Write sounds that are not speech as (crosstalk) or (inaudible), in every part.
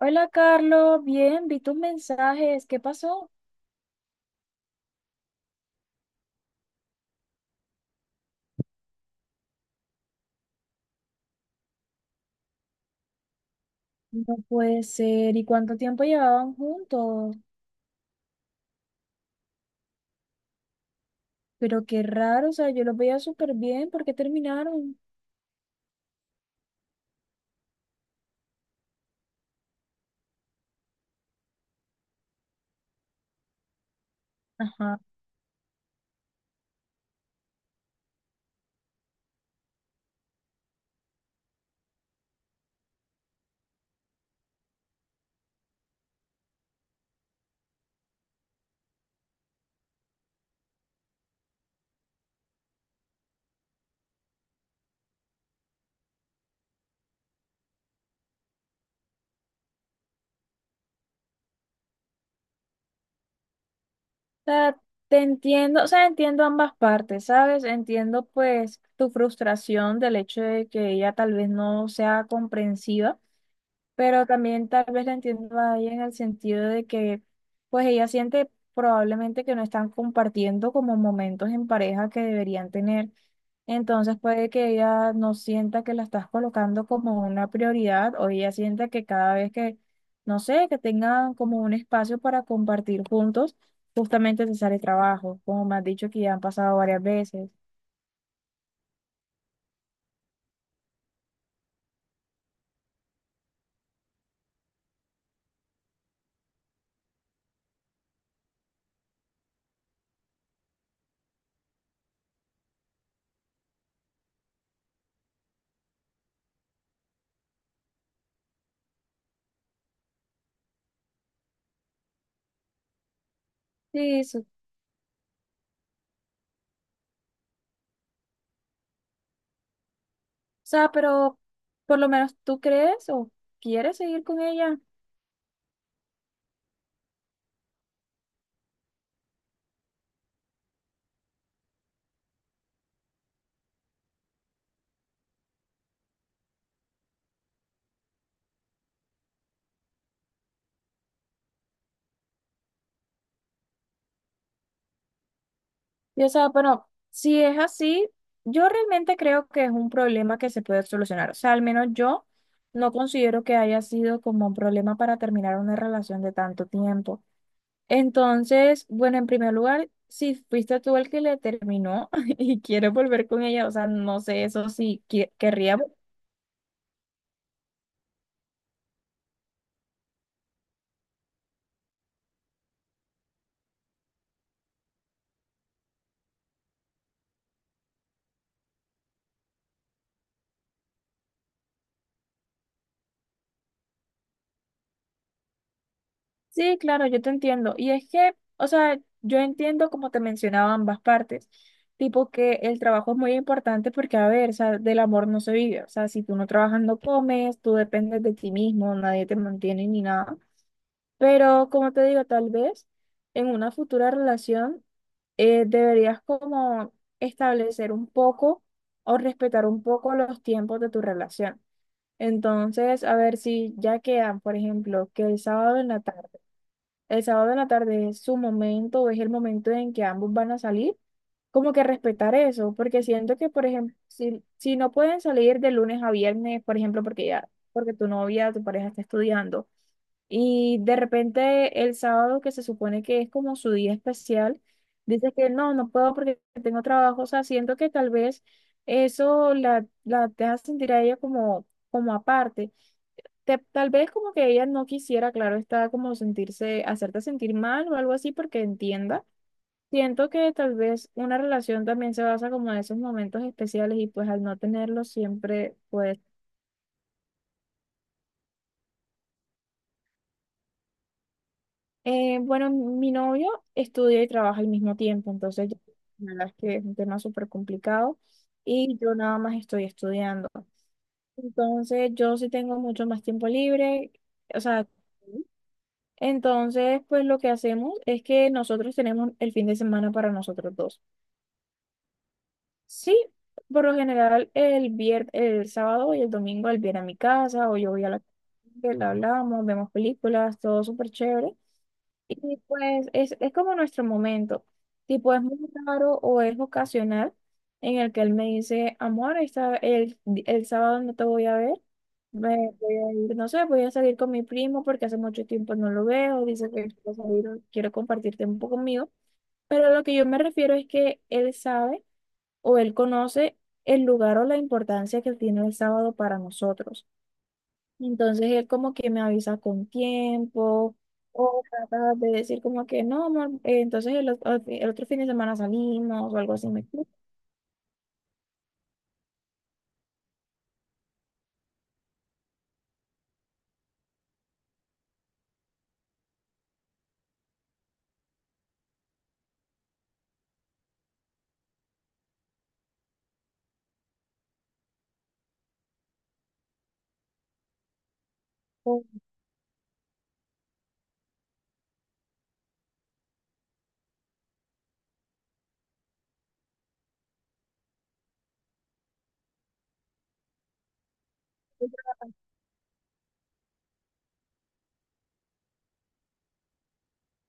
Hola Carlos, bien, vi tus mensajes, ¿qué pasó? No puede ser, ¿y cuánto tiempo llevaban juntos? Pero qué raro, o sea, yo los veía súper bien, ¿por qué terminaron? Ajá. O sea, te entiendo, o sea, entiendo ambas partes, ¿sabes? Entiendo pues tu frustración del hecho de que ella tal vez no sea comprensiva. Pero también tal vez la entiendo a ella en el sentido de que pues ella siente probablemente que no están compartiendo como momentos en pareja que deberían tener. Entonces puede que ella no sienta que la estás colocando como una prioridad o ella sienta que cada vez que, no sé, que tengan como un espacio para compartir juntos, justamente te sale trabajo, como me has dicho que ya han pasado varias veces. Sí, eso. O sea, pero por lo menos tú crees o quieres seguir con ella. Y o sea, pero si es así, yo realmente creo que es un problema que se puede solucionar. O sea, al menos yo no considero que haya sido como un problema para terminar una relación de tanto tiempo. Entonces, bueno, en primer lugar, si fuiste tú el que le terminó (laughs) y quiere volver con ella, o sea, no sé eso si querría. Sí, claro, yo te entiendo. Y es que, o sea, yo entiendo como te mencionaba ambas partes, tipo que el trabajo es muy importante porque, a ver, o sea, del amor no se vive. O sea, si tú no trabajas no comes, tú dependes de ti mismo, nadie te mantiene ni nada. Pero, como te digo, tal vez en una futura relación deberías como establecer un poco o respetar un poco los tiempos de tu relación. Entonces, a ver si ya quedan, por ejemplo, que el sábado en la tarde. El sábado en la tarde es su momento, es el momento en que ambos van a salir. Como que respetar eso, porque siento que, por ejemplo, si no pueden salir de lunes a viernes, por ejemplo, porque ya, porque tu novia, tu pareja está estudiando, y de repente el sábado, que se supone que es como su día especial, dices que no, no puedo porque tengo trabajo, o sea, siento que tal vez eso la deja sentir a ella como, como aparte tal vez como que ella no quisiera, claro, está como sentirse, hacerte sentir mal o algo así porque entienda. Siento que tal vez una relación también se basa como en esos momentos especiales y pues al no tenerlos siempre, pues, bueno, mi novio estudia y trabaja al mismo tiempo, la verdad es que es un tema súper complicado y yo nada más estoy estudiando. Entonces yo sí tengo mucho más tiempo libre, o sea... Entonces, pues lo que hacemos es que nosotros tenemos el fin de semana para nosotros dos. Sí, por lo general el el sábado y el domingo él viene a mi casa o yo voy a la que la hablamos, vemos películas, todo súper chévere. Y pues es como nuestro momento. Tipo, es muy raro o es ocasional en el que él me dice, amor, el sábado no te voy a ver. Me voy a ir, no sé, voy a salir con mi primo porque hace mucho tiempo no lo veo. Dice que quiero salir, quiero compartir tiempo conmigo. Pero lo que yo me refiero es que él sabe o él conoce el lugar o la importancia que tiene el sábado para nosotros. Entonces él como que me avisa con tiempo o trata de decir como que no, amor, entonces el otro fin de semana salimos o algo así me explico.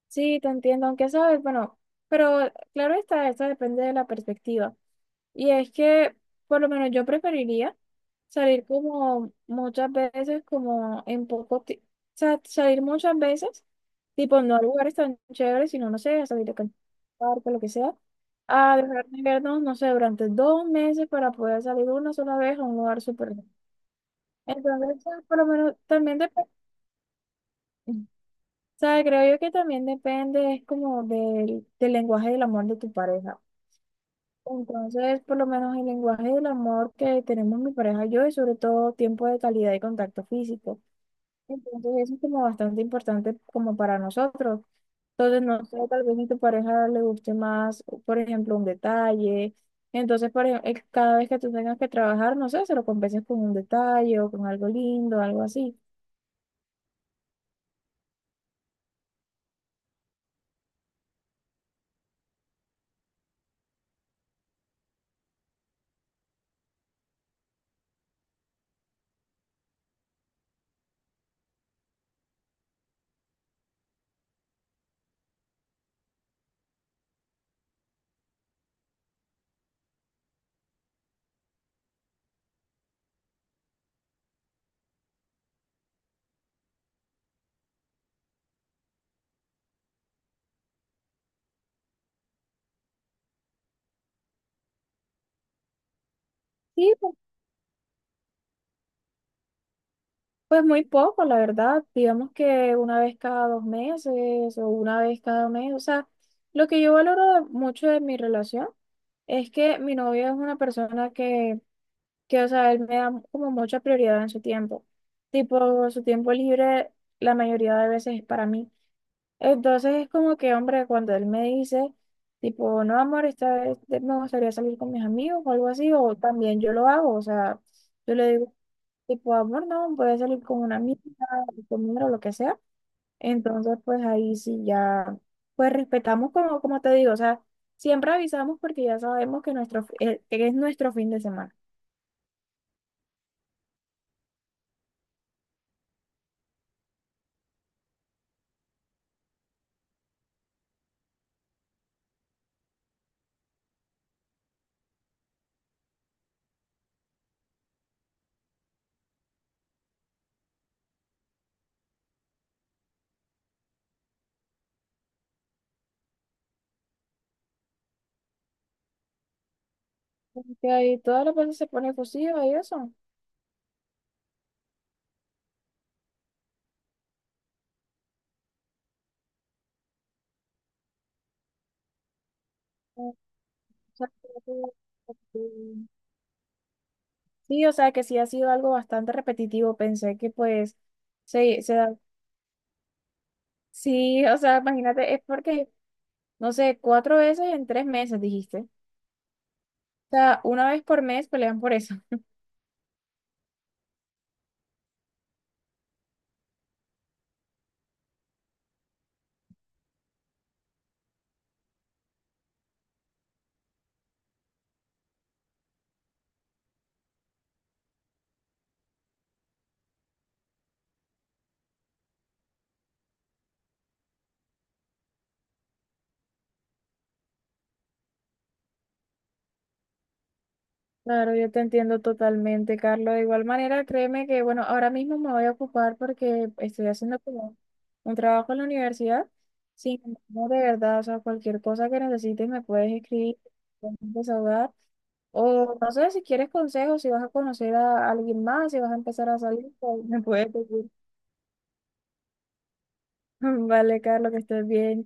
Sí, te entiendo, aunque sabes, bueno, pero claro está, eso depende de la perspectiva. Y es que, por lo menos yo preferiría salir como muchas veces, como en poco tiempo, o sea, salir muchas veces, tipo no a lugares tan chéveres, sino, no sé, a salir de parque, lo que sea, a dejar de vernos, no sé, durante dos meses para poder salir una sola vez a un lugar súper. Entonces, por lo menos también depende sea, creo yo que también depende, es como del lenguaje del amor de tu pareja. Entonces, por lo menos el lenguaje del amor que tenemos mi pareja y yo, es sobre todo tiempo de calidad y contacto físico. Entonces, eso es como bastante importante como para nosotros. Entonces, no sé, tal vez a tu pareja le guste más, por ejemplo, un detalle. Entonces, por ejemplo, cada vez que tú tengas que trabajar, no sé, se lo compenses con un detalle o con algo lindo, algo así. Sí, pues muy poco, la verdad. Digamos que una vez cada 2 meses o una vez cada mes. O sea, lo que yo valoro mucho de mi relación es que mi novio es una persona que, o sea, él me da como mucha prioridad en su tiempo. Tipo, su tiempo libre la mayoría de veces es para mí. Entonces es como que, hombre, cuando él me dice, tipo, no, amor, esta vez me gustaría salir con mis amigos o algo así, o también yo lo hago. O sea, yo le digo tipo amor, no, puede salir con una amiga, conmigo, lo que sea. Entonces, pues ahí sí ya, pues respetamos como, como te digo, o sea, siempre avisamos porque ya sabemos que nuestro, que es nuestro fin de semana. Porque ahí todas las veces se pone efusiva y eso. O sea, sí, o sea que sí ha sido algo bastante repetitivo. Pensé que pues se da. Sí, o sea, imagínate, es porque, no sé, 4 veces en 3 meses, dijiste. O sea, una vez por mes pelean por eso. Claro, yo te entiendo totalmente, Carlos. De igual manera, créeme que, bueno, ahora mismo me voy a ocupar porque estoy haciendo como un trabajo en la universidad. Sin embargo, de verdad, o sea, cualquier cosa que necesites me puedes escribir, puedes desahogar. O no sé si quieres consejos, si vas a conocer a alguien más, si vas a empezar a salir, pues, me puedes decir. (laughs) Vale, Carlos, que estés bien.